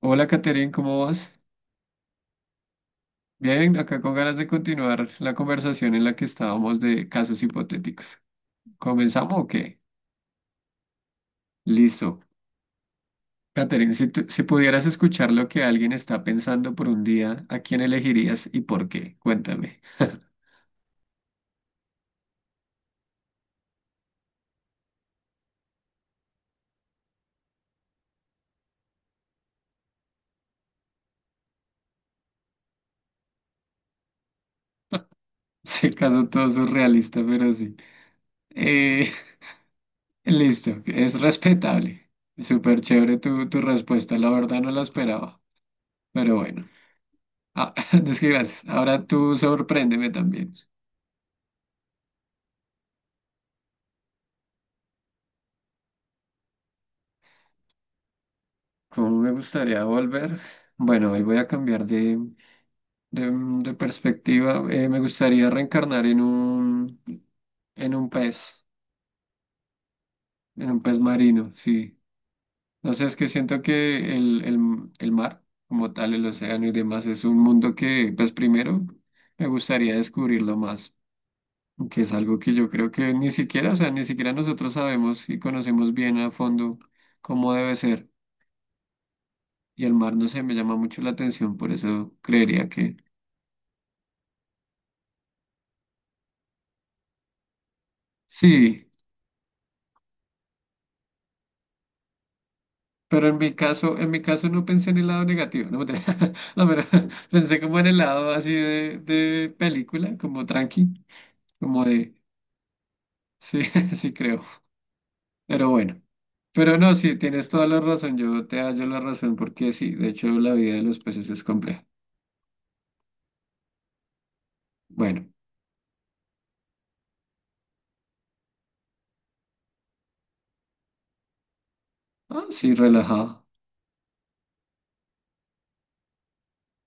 Hola, Caterine, ¿cómo vas? Bien, acá con ganas de continuar la conversación en la que estábamos de casos hipotéticos. ¿Comenzamos o qué? Listo. Caterine, si pudieras escuchar lo que alguien está pensando por un día, ¿a quién elegirías y por qué? Cuéntame. Se caso todo surrealista, pero sí. Eh, listo, es respetable. Súper chévere tu respuesta, la verdad no la esperaba. Pero bueno, ah, es que gracias. Ahora tú sorpréndeme también. ¿Cómo me gustaría volver? Bueno, hoy voy a cambiar de perspectiva. Me gustaría reencarnar en un pez, en un pez marino, sí. No sé, es que siento que el mar, como tal, el océano y demás, es un mundo que, pues primero, me gustaría descubrirlo más, que es algo que yo creo que ni siquiera, o sea, ni siquiera nosotros sabemos y conocemos bien a fondo cómo debe ser. Y el mar, no sé, me llama mucho la atención, por eso creería que... Sí, pero en mi caso no pensé en el lado negativo, no, mentira. No, pero pensé como en el lado así de película, como tranqui, como de, sí, sí creo, pero bueno. Pero no, sí, tienes toda la razón, yo te hallo la razón, porque sí, de hecho la vida de los peces es compleja. Bueno, ah, sí, relajado,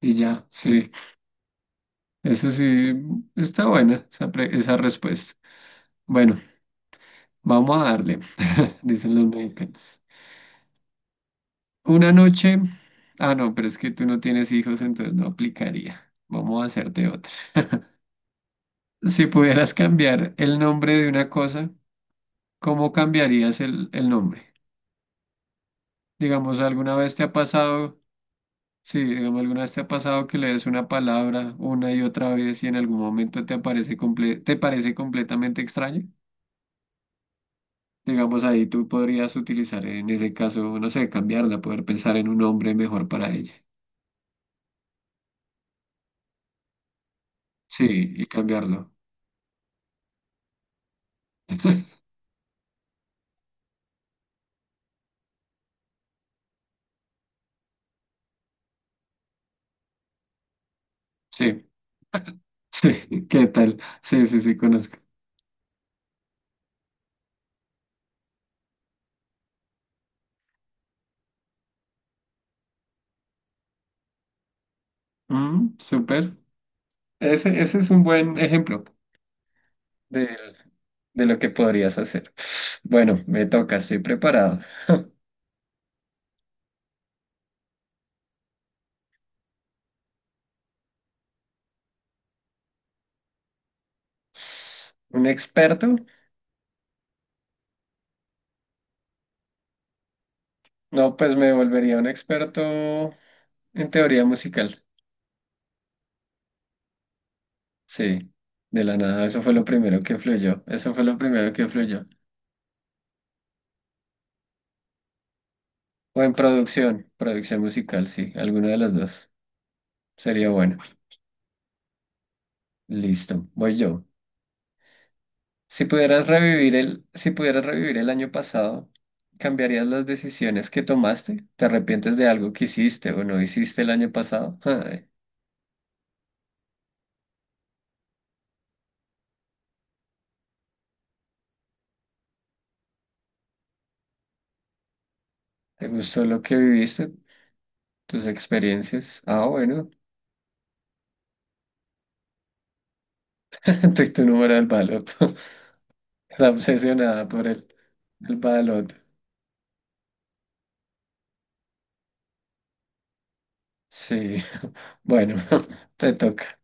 y ya, sí, eso sí, está buena esa respuesta. Bueno, vamos a darle, dicen los mexicanos. Una noche. Ah, no, pero es que tú no tienes hijos, entonces no aplicaría. Vamos a hacerte otra. Si pudieras cambiar el nombre de una cosa, ¿cómo cambiarías el nombre? Digamos, ¿alguna vez te ha pasado, sí, digamos, alguna vez te ha pasado que le des una palabra una y otra vez y en algún momento te parece completamente extraño? Digamos, ahí tú podrías utilizar en ese caso, no sé, cambiarla, poder pensar en un nombre mejor para ella. Sí, y cambiarlo. Sí. Sí, ¿qué tal? Sí, sí, sí, conozco. Mm, súper. Ese es un buen ejemplo de, de lo que podrías hacer. Bueno, me toca, estoy preparado. ¿Un experto? No, pues me volvería un experto en teoría musical. Sí, de la nada, eso fue lo primero que fluyó. Eso fue lo primero que fluyó. O en producción, producción musical, sí, alguna de las dos. Sería bueno. Listo, voy yo. Si pudieras revivir el año pasado, ¿cambiarías las decisiones que tomaste? ¿Te arrepientes de algo que hiciste o no hiciste el año pasado? Ay, ¿te gustó lo que viviste? ¿Tus experiencias? Ah, bueno. Tu número del baloto. Está obsesionada por el baloto. Sí. Bueno, te toca.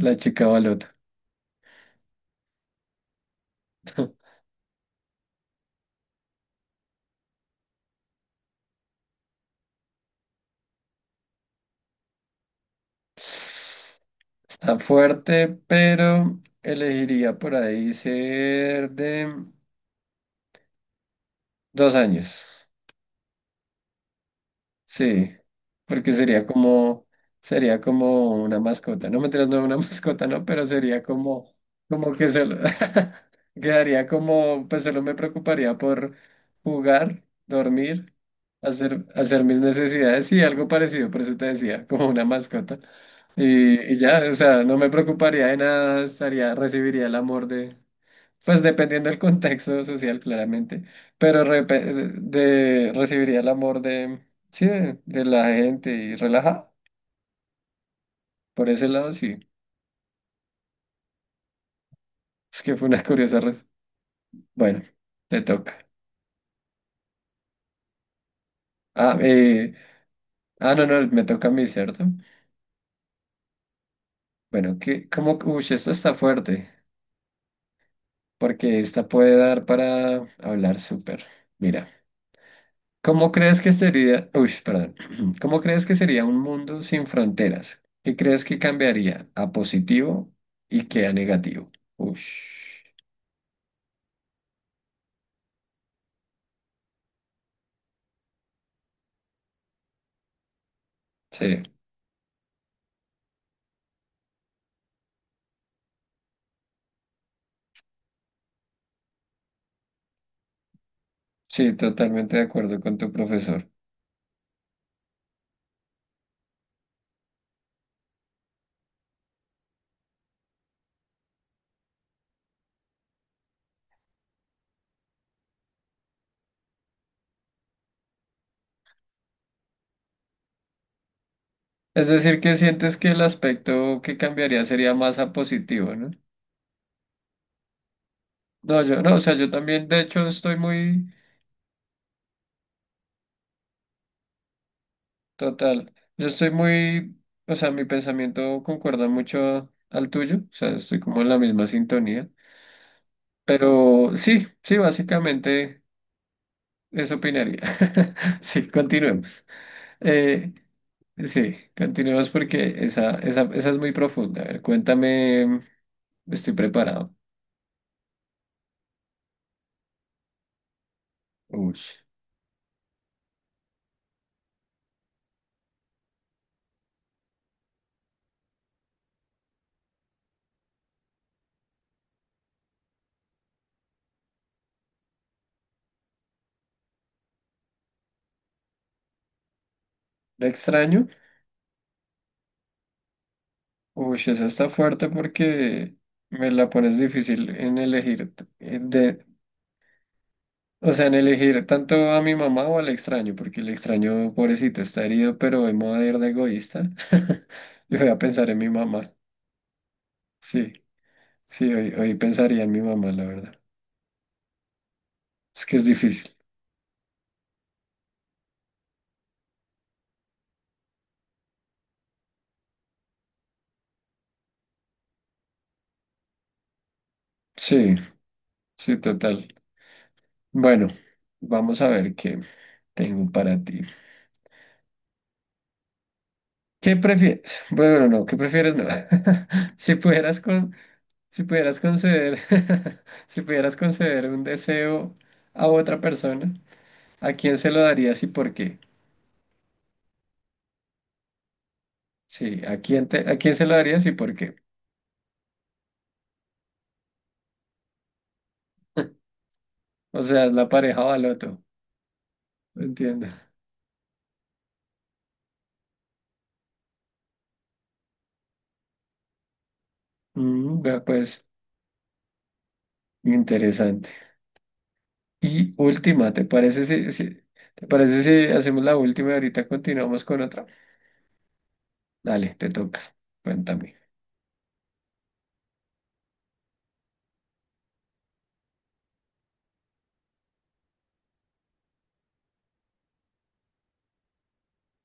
La chica balota. Está fuerte, pero elegiría por ahí ser de... Dos años, sí, porque sería como una mascota, no una mascota, no, pero sería como, como que solo, quedaría como, pues solo me preocuparía por jugar, dormir, hacer mis necesidades y algo parecido, por eso te decía, como una mascota. Y ya, o sea, no me preocuparía de nada, estaría, recibiría el amor de pues dependiendo del contexto social, claramente, pero recibiría el amor de, sí, de la gente y relajada. Por ese lado, sí. Es que fue una curiosa res- Bueno, te toca. Ah, eh, no, no, me toca a mí, ¿cierto? Bueno, que como, uy, esto está fuerte, porque esta puede dar para hablar súper. Mira. ¿Cómo crees que sería, uy, perdón, ¿cómo crees que sería un mundo sin fronteras? ¿Qué crees que cambiaría a positivo y qué a negativo? Ush. Sí, sí, totalmente de acuerdo con tu profesor. Es decir, que sientes que el aspecto que cambiaría sería más a positivo, ¿no? No, yo, no, o sea, yo también, de hecho, estoy muy, total, yo estoy muy, o sea, mi pensamiento concuerda mucho al tuyo, o sea, estoy como en la misma sintonía. Pero sí, sí, básicamente eso opinaría. Sí, continuemos. Eh, sí, continuemos porque esa es muy profunda. A ver, cuéntame, estoy preparado. Uy, ¿la extraño? Uy, esa está fuerte porque me la pones difícil en elegir, de, o sea, en elegir tanto a mi mamá o al extraño, porque el extraño, pobrecito, está herido, pero hoy me voy a ir de egoísta. Yo voy a pensar en mi mamá. Sí, sí, hoy, hoy pensaría en mi mamá, la verdad. Es que es difícil. Sí. Sí, total. Bueno, vamos a ver qué tengo para ti. ¿Qué prefieres? Bueno, no, ¿qué prefieres? No. Si pudieras con, si pudieras conceder, si pudieras conceder un deseo a otra persona, ¿a quién se lo darías y por qué? Sí, ¿a quién se lo darías y por qué? O sea, es la pareja o al otro. Entiendo. Mm, vea, pues, interesante. Y última, ¿te parece si hacemos la última y ahorita continuamos con otra? Dale, te toca. Cuéntame.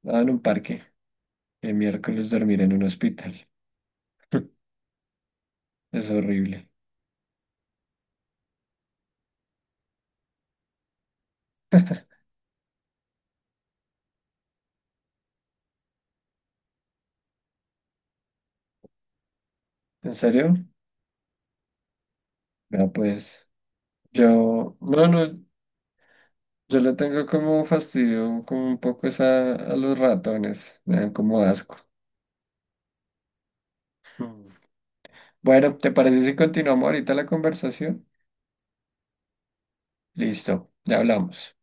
Nada en un parque. El miércoles dormir en un hospital. Es horrible. ¿En serio? No, pues yo, bueno, yo le tengo como fastidio, como un poco esa a los ratones. Me dan como asco. Mm. Bueno, ¿te parece si continuamos ahorita la conversación? Listo, ya hablamos.